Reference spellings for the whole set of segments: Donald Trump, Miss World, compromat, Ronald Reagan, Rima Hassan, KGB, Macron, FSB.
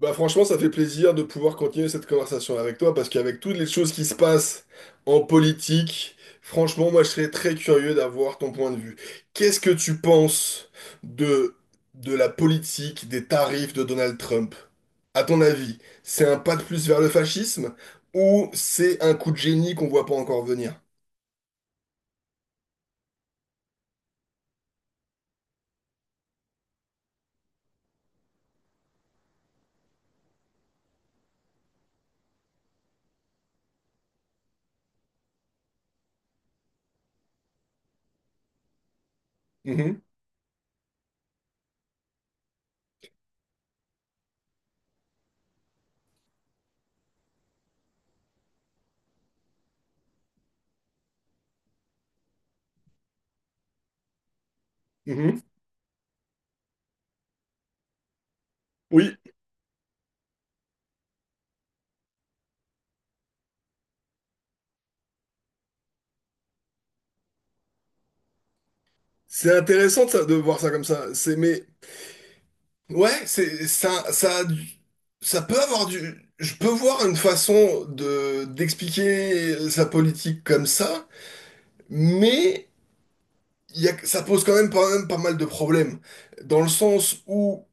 Bah franchement, ça fait plaisir de pouvoir continuer cette conversation avec toi parce qu'avec toutes les choses qui se passent en politique, franchement, moi je serais très curieux d'avoir ton point de vue. Qu'est-ce que tu penses de, de la politique des tarifs de Donald Trump? À ton avis, c'est un pas de plus vers le fascisme ou c'est un coup de génie qu'on voit pas encore venir? Mhm, mhm. Oui, c'est intéressant de voir ça comme ça. C'est mais ouais, c'est ça, ça peut avoir du. Je peux voir une façon de d'expliquer sa politique comme ça, mais il y a, ça pose quand même pas mal de problèmes. Dans le sens où.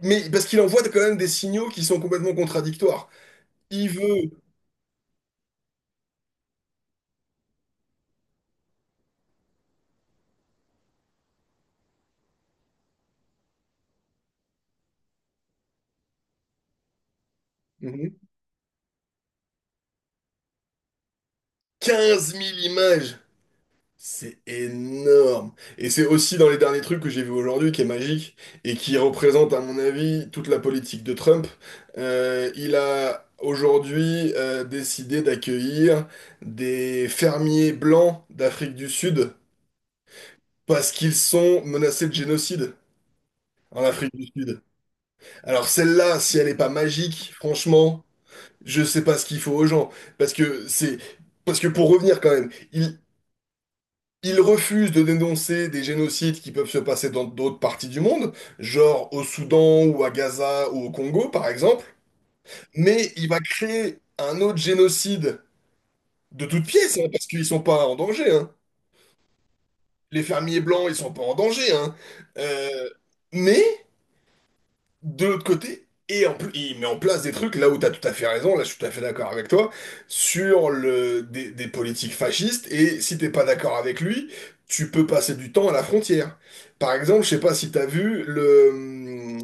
Mais parce qu'il envoie quand même des signaux qui sont complètement contradictoires. Il veut. Mhm. 15 000 images. C'est énorme. Et c'est aussi dans les derniers trucs que j'ai vu aujourd'hui qui est magique et qui représente, à mon avis, toute la politique de Trump. Il a aujourd'hui décidé d'accueillir des fermiers blancs d'Afrique du Sud parce qu'ils sont menacés de génocide en Afrique du Sud. Alors celle-là, si elle n'est pas magique, franchement, je sais pas ce qu'il faut aux gens. Parce que c'est... Parce que pour revenir quand même, il refuse de dénoncer des génocides qui peuvent se passer dans d'autres parties du monde, genre au Soudan ou à Gaza ou au Congo par exemple, mais il va créer un autre génocide de toutes pièces, hein, parce qu'ils sont pas en danger, hein. Les fermiers blancs, ils sont pas en danger, hein. Euh, mais de l'autre côté, et en plus, il met en place des trucs, là où tu as tout à fait raison, là je suis tout à fait d'accord avec toi, sur le, des politiques fascistes, et si t'es pas d'accord avec lui, tu peux passer du temps à la frontière. Par exemple, je sais pas si tu as vu, le,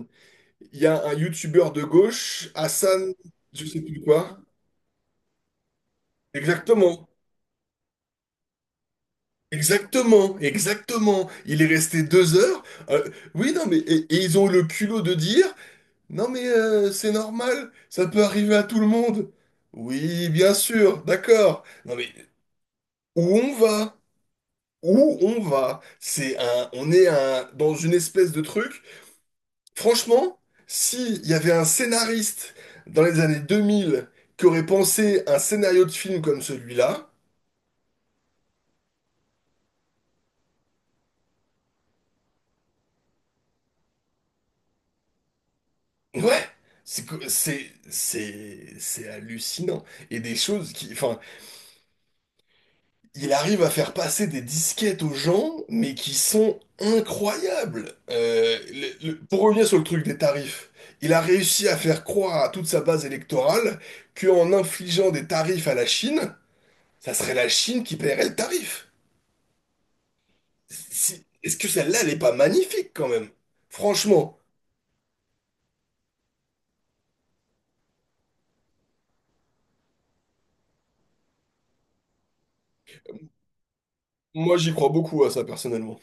il y a un youtubeur de gauche, Hassan, je sais plus quoi. Exactement. Exactement, exactement. Il est resté 2 heures. Euh, oui, non, mais et ils ont eu le culot de dire, non mais c'est normal, ça peut arriver à tout le monde. Oui, bien sûr, d'accord. Non mais où on va? Où on va? C'est un, on est un, dans une espèce de truc. Franchement, s'il y avait un scénariste dans les années 2000 qui aurait pensé un scénario de film comme celui-là, ouais, c'est hallucinant. Et des choses qui, enfin, il arrive à faire passer des disquettes aux gens, mais qui sont incroyables. Pour revenir sur le truc des tarifs, il a réussi à faire croire à toute sa base électorale qu'en infligeant des tarifs à la Chine, ça serait la Chine qui paierait le tarif. Est-ce que celle-là, elle n'est pas magnifique quand même? Franchement, moi j'y crois beaucoup à ça personnellement.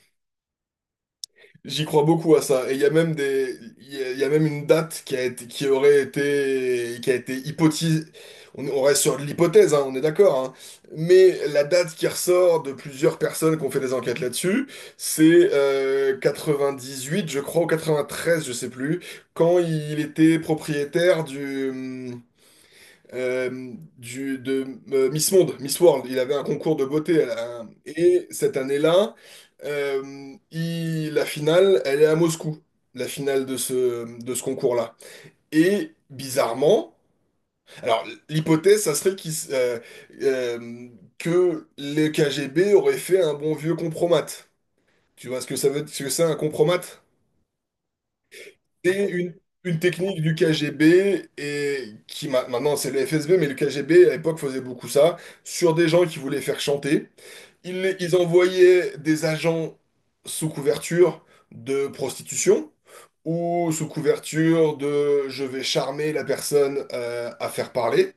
J'y crois beaucoup à ça. Et il y a même des, il y a même une date qui a été, qui aurait été, qui a été hypothèse. On reste sur de l'hypothèse, hein, on est d'accord, hein. Mais la date qui ressort de plusieurs personnes qui ont fait des enquêtes là-dessus, c'est 98, je crois, ou 93, je sais plus, quand il était propriétaire du, de Miss Monde, Miss World. Il avait un concours de beauté. Et cette année-là, la finale, elle est à Moscou, la finale de ce concours-là. Et bizarrement, alors l'hypothèse, ça serait euh, que les KGB auraient fait un bon vieux compromat. Tu vois ce que ça veut, ce que c'est un compromat? C'est une technique du KGB et qui maintenant c'est le FSB, mais le KGB à l'époque faisait beaucoup ça sur des gens qui voulaient faire chanter. Ils envoyaient des agents sous couverture de prostitution ou sous couverture de je vais charmer la personne à faire parler.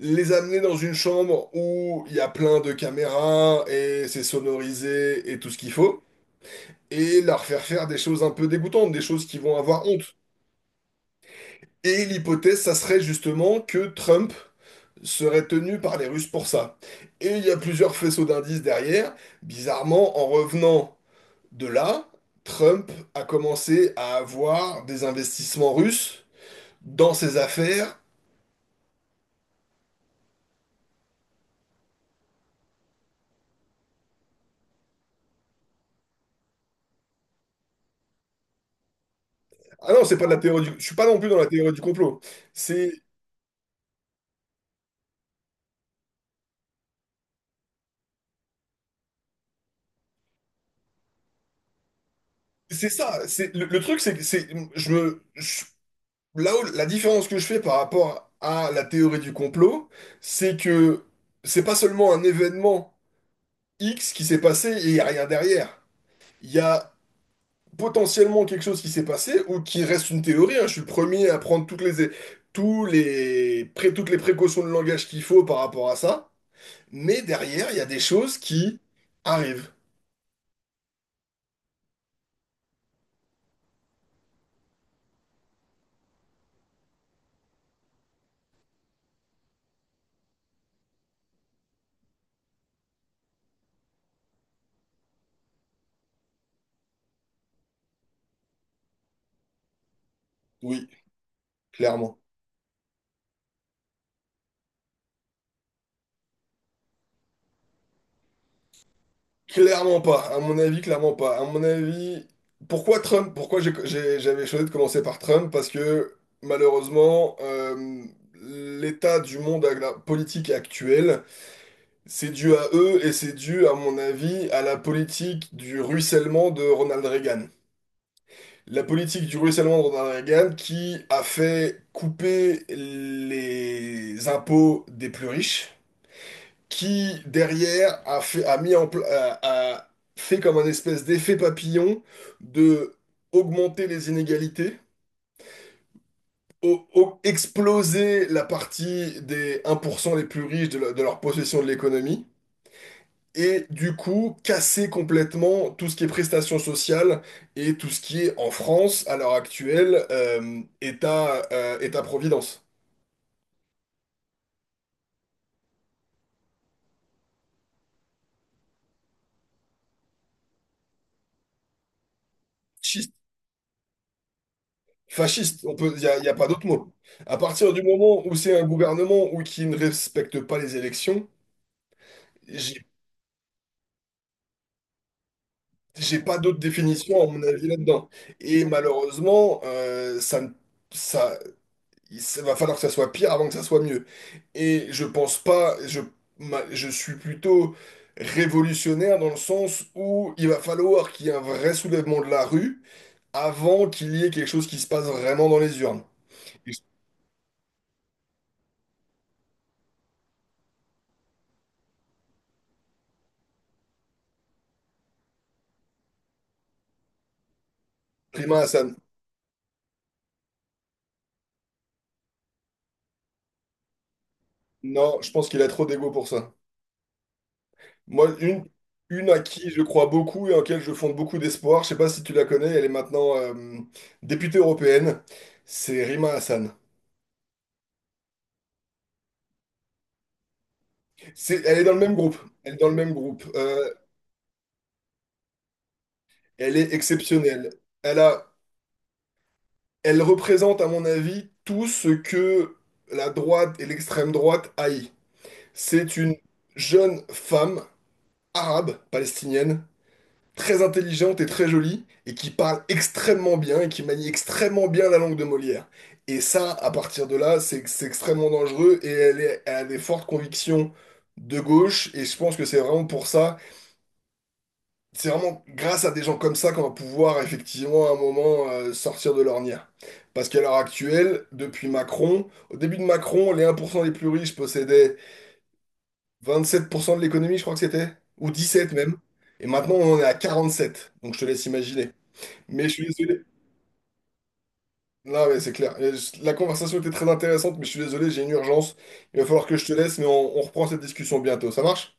Les amener dans une chambre où il y a plein de caméras et c'est sonorisé et tout ce qu'il faut. Et leur faire faire des choses un peu dégoûtantes, des choses qui vont avoir honte. Et l'hypothèse, ça serait justement que Trump serait tenu par les Russes pour ça. Et il y a plusieurs faisceaux d'indices derrière. Bizarrement, en revenant de là, Trump a commencé à avoir des investissements russes dans ses affaires. Ah non, c'est pas de la théorie du... Je suis pas non plus dans la théorie du complot. C'est c'est ça. C'est le truc, c'est que c'est je me je- là où la différence que je fais par rapport à la théorie du complot, c'est que c'est pas seulement un événement X qui s'est passé et il n'y a rien derrière. Il y a potentiellement quelque chose qui s'est passé ou qui reste une théorie, hein. Je suis le premier à prendre toutes les, toutes les précautions de langage qu'il faut par rapport à ça. Mais derrière, il y a des choses qui arrivent. Oui, clairement. Clairement pas. À mon avis, clairement pas. À mon avis, pourquoi Trump? Pourquoi j'avais choisi de commencer par Trump? Parce que malheureusement, l'état du monde politique actuel, c'est dû à eux et c'est dû, à mon avis, à la politique du ruissellement de Ronald Reagan. La politique du ruissellement de Ronald Reagan qui a fait couper les impôts des plus riches, qui derrière a mis en pla- a fait comme un espèce d'effet papillon de augmenter les inégalités, exploser la partie des 1% les plus riches de leur possession de l'économie et du coup casser complètement tout ce qui est prestations sociales et tout ce qui est en France à l'heure actuelle État, État-providence. Fasciste. Fasciste, on peut, il n'y a, y a pas d'autre mot. À partir du moment où c'est un gouvernement ou qui ne respecte pas les élections, j'ai j'ai pas d'autre définition à mon avis là-dedans. Et malheureusement, ça, ne- ça, va falloir que ça soit pire avant que ça soit mieux. Et je pense pas, je suis plutôt révolutionnaire dans le sens où il va falloir qu'il y ait un vrai soulèvement de la rue avant qu'il y ait quelque chose qui se passe vraiment dans les urnes. Et Prima Hassan, non, je pense qu'il a trop d'ego pour ça. Moi, une à qui je crois beaucoup et en laquelle je fonde beaucoup d'espoir, je sais pas si tu la connais, elle est maintenant députée européenne, c'est Rima Hassan. C'est, elle est dans le même groupe. Elle est dans le même groupe. Elle est exceptionnelle. Elle a, elle représente, à mon avis, tout ce que la droite et l'extrême droite haït. C'est une jeune femme arabe, palestinienne, très intelligente et très jolie, et qui parle extrêmement bien et qui manie extrêmement bien la langue de Molière. Et ça, à partir de là, c'est extrêmement dangereux et elle a des fortes convictions de gauche, et je pense que c'est vraiment pour ça. C'est vraiment grâce à des gens comme ça qu'on va pouvoir effectivement à un moment sortir de l'ornière. Parce qu'à l'heure actuelle, depuis Macron, au début de Macron, les 1% les plus riches possédaient 27% de l'économie, je crois que c'était, ou 17 même. Et maintenant, on en est à 47. Donc je te laisse imaginer. Mais je suis désolé. Non, mais c'est clair. La conversation était très intéressante, mais je suis désolé, j'ai une urgence. Il va falloir que je te laisse, mais on reprend cette discussion bientôt. Ça marche?